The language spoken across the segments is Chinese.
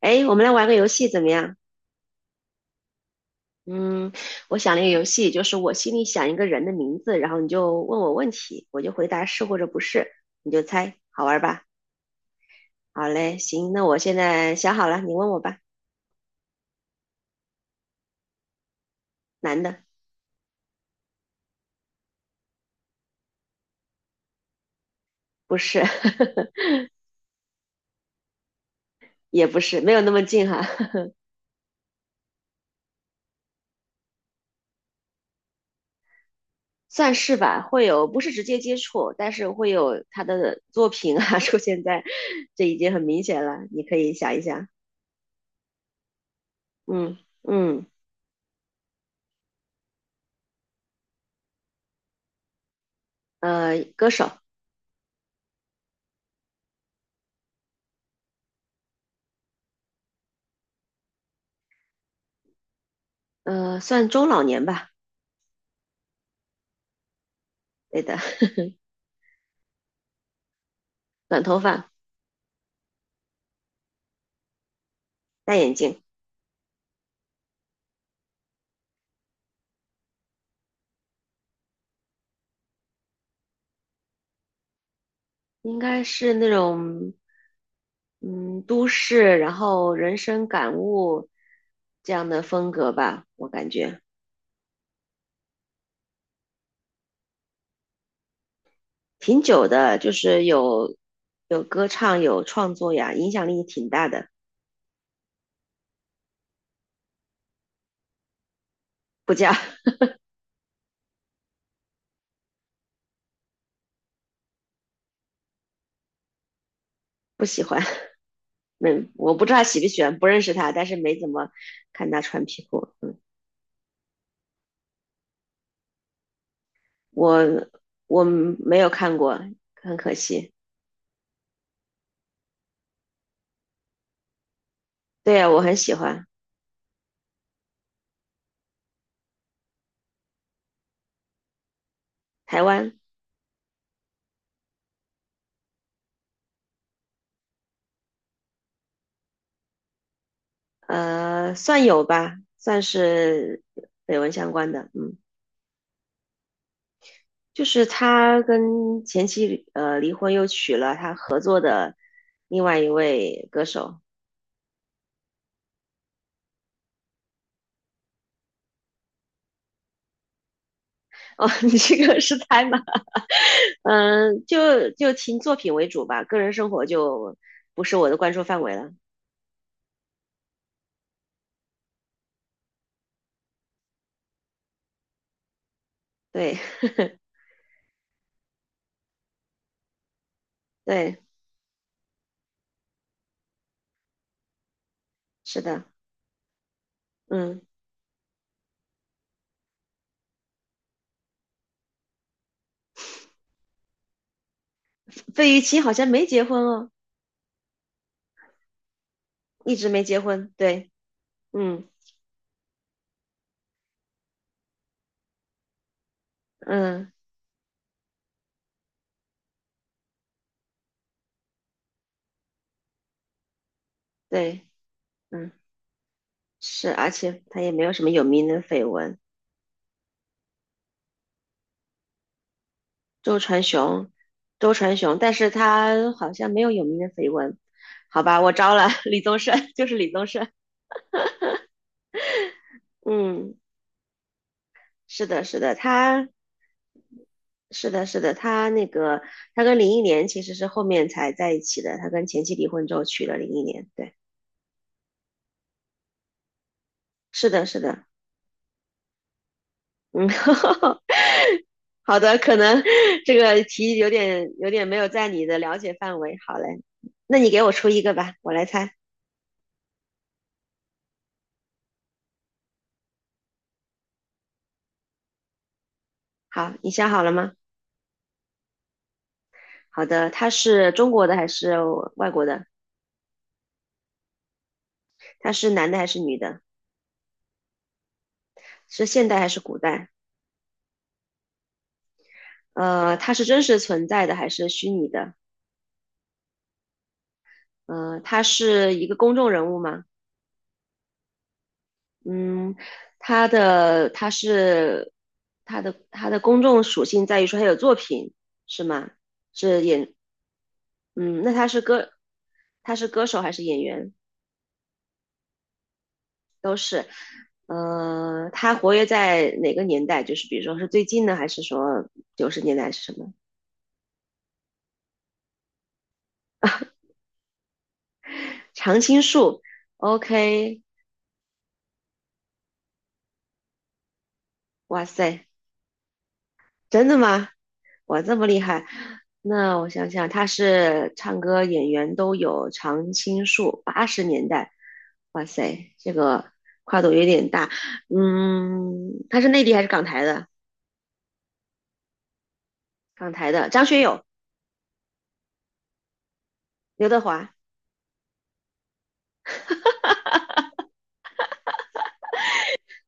哎，我们来玩个游戏怎么样？嗯，我想了一个游戏，就是我心里想一个人的名字，然后你就问我问题，我就回答是或者不是，你就猜，好玩吧？好嘞，行，那我现在想好了，你问我吧。男的。不是。也不是，没有那么近哈。算是吧，会有，不是直接接触，但是会有他的作品啊 出现在，这已经很明显了，你可以想一想。嗯嗯。歌手。算中老年吧。对的。短头发，戴眼镜。应该是那种嗯都市，然后人生感悟这样的风格吧，我感觉挺久的，就是有歌唱，有创作呀，影响力挺大的。不加。 不喜欢。没，我不知道他喜不喜欢，不认识他，但是没怎么看他穿皮裤，嗯，我我没有看过，很可惜。对呀，我很喜欢。台湾。算有吧，算是绯闻相关的。嗯，就是他跟前妻离婚，又娶了他和另外一位歌手。哦，你这个是猜吗？嗯，就听作品为主吧，个人生活就不是我的关注范围了。对，对，是的。嗯，费玉清好像没结婚哦，一直没结婚。对，嗯嗯，对，嗯，是，而且他也没有什么有名的绯闻。周传雄。周传雄，但是他好像没有有名的绯闻。好吧，我招了 李宗盛，就是李宗盛。嗯，是的，是的，他是的，是的，他那个他跟林忆莲其实是后面才在一起的，他跟前妻离婚之后娶了林忆莲。对，是的，是的。嗯。好的，可能这个题有点没有在你的了解范围。好嘞，那你给我出一个吧，我来猜。好，你想好了吗？好的，他是中国的还是外国的？他是男的还是女的？是现代还是古代？他是真实存在的还是虚拟的？他是一个公众人物吗？嗯，他的他是他的他的公众属性在于说他有作品是吗？是演嗯，那他是歌手还是演员？都是。他活跃在哪个年代？就是比如说是最近呢，还是说九十年代还是什么？常青树，OK。哇塞，真的吗？哇，这么厉害！那我想想，他是唱歌演员都有，常青树，八十年代，哇塞，这个跨度有点大。嗯，他是内地还是港台的？港台的，张学友、刘德华。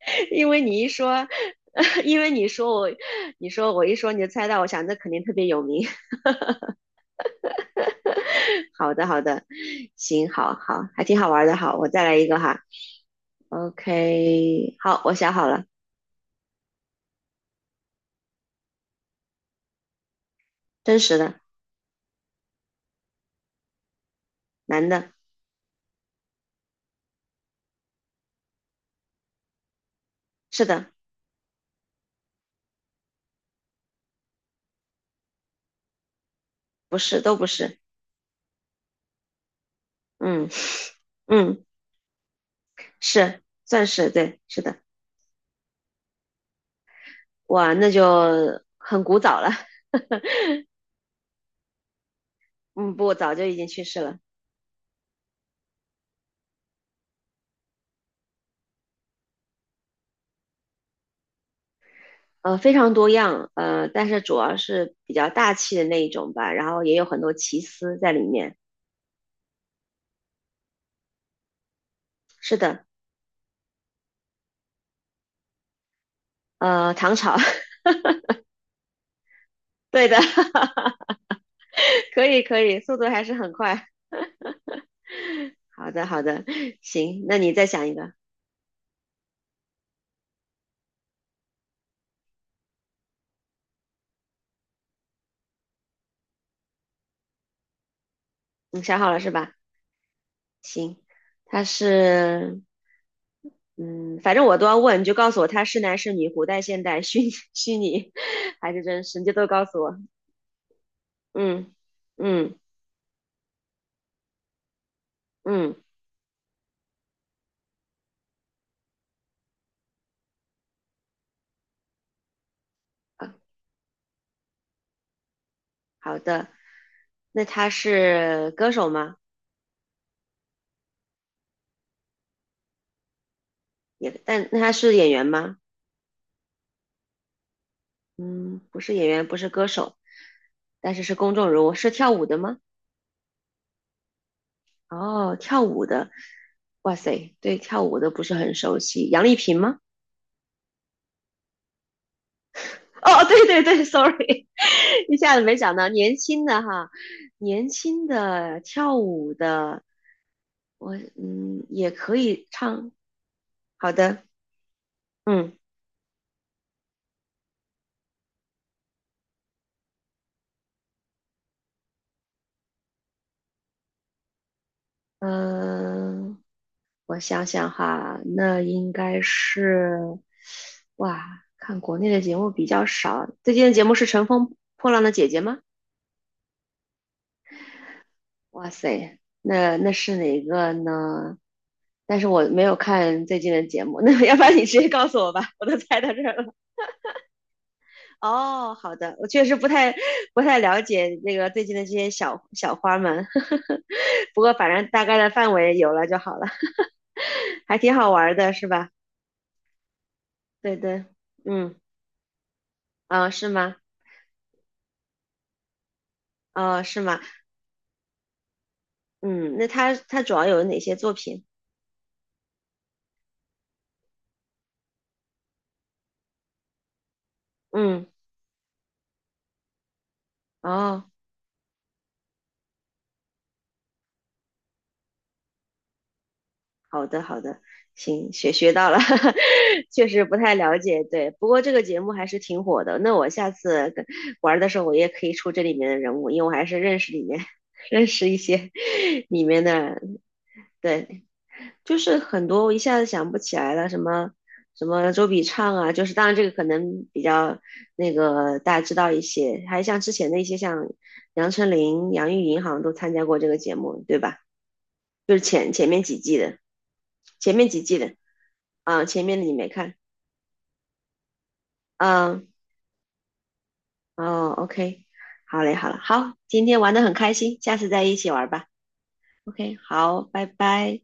因为你一说。因为你说我，你说我一说你就猜到，我想这肯定特别有名。好的，好的。行，好好，还挺好玩的。好，我再来一个哈。OK,好，我想好了。真实的。男的。是的。不是，都不是。嗯嗯。是，算是，对，是的。哇，那就很古早了。嗯，不，早就已经去世了。非常多样。但是主要是比较大气的那一种吧，然后也有很多奇思在里面。是的。唐朝。对的。可以可以，速度还是很快。好的好的。行，那你再想一个。你想好了是吧？行，他是，嗯，反正我都要问，你就告诉我他是男是女，古代、现代、虚拟还是真实，你就都告诉我。嗯嗯嗯，啊好的。那他是歌手吗？也，但那他是演员吗？嗯，不是演员，不是歌手，但是是公众人物，是跳舞的吗？哦，跳舞的。哇塞，对跳舞的不是很熟悉。杨丽萍吗？哦，对对对，sorry。一下子没想到年轻的哈，年轻的跳舞的，我也可以唱。好的。嗯嗯、呃我想想哈。那应该是哇，看国内的节目比较少。最近的节目是《乘风破浪的姐姐》吗？哇塞，那是哪个呢？但是我没有看最近的节目，那要不然你直接告诉我吧，我都猜到这儿了。哦，好的，我确实不太了解那个最近的这些小小花们。不过反正大概的范围有了就好了。还挺好玩儿的，是吧？对对。嗯，啊、是吗？啊、是吗？嗯，那他主要有哪些作品？嗯，哦。好的，好的。行，学到了。确实不太了解，对。不过这个节目还是挺火的，那我下次跟玩的时候，我也可以出这里面的人物，因为我还是认识里面 认识一些 里面的。对。就是很多我一下子想不起来了，什么什么周笔畅啊，就是当然这个可能比较那个大家知道一些，还像之前的一些像杨丞琳、杨钰莹好像都参加过这个节目，对吧？就是前面几季的。前面几季的啊，前面的你没看。嗯、哦，OK。好嘞，好了，好，今天玩的很开心，下次再一起玩吧，OK,好，拜拜。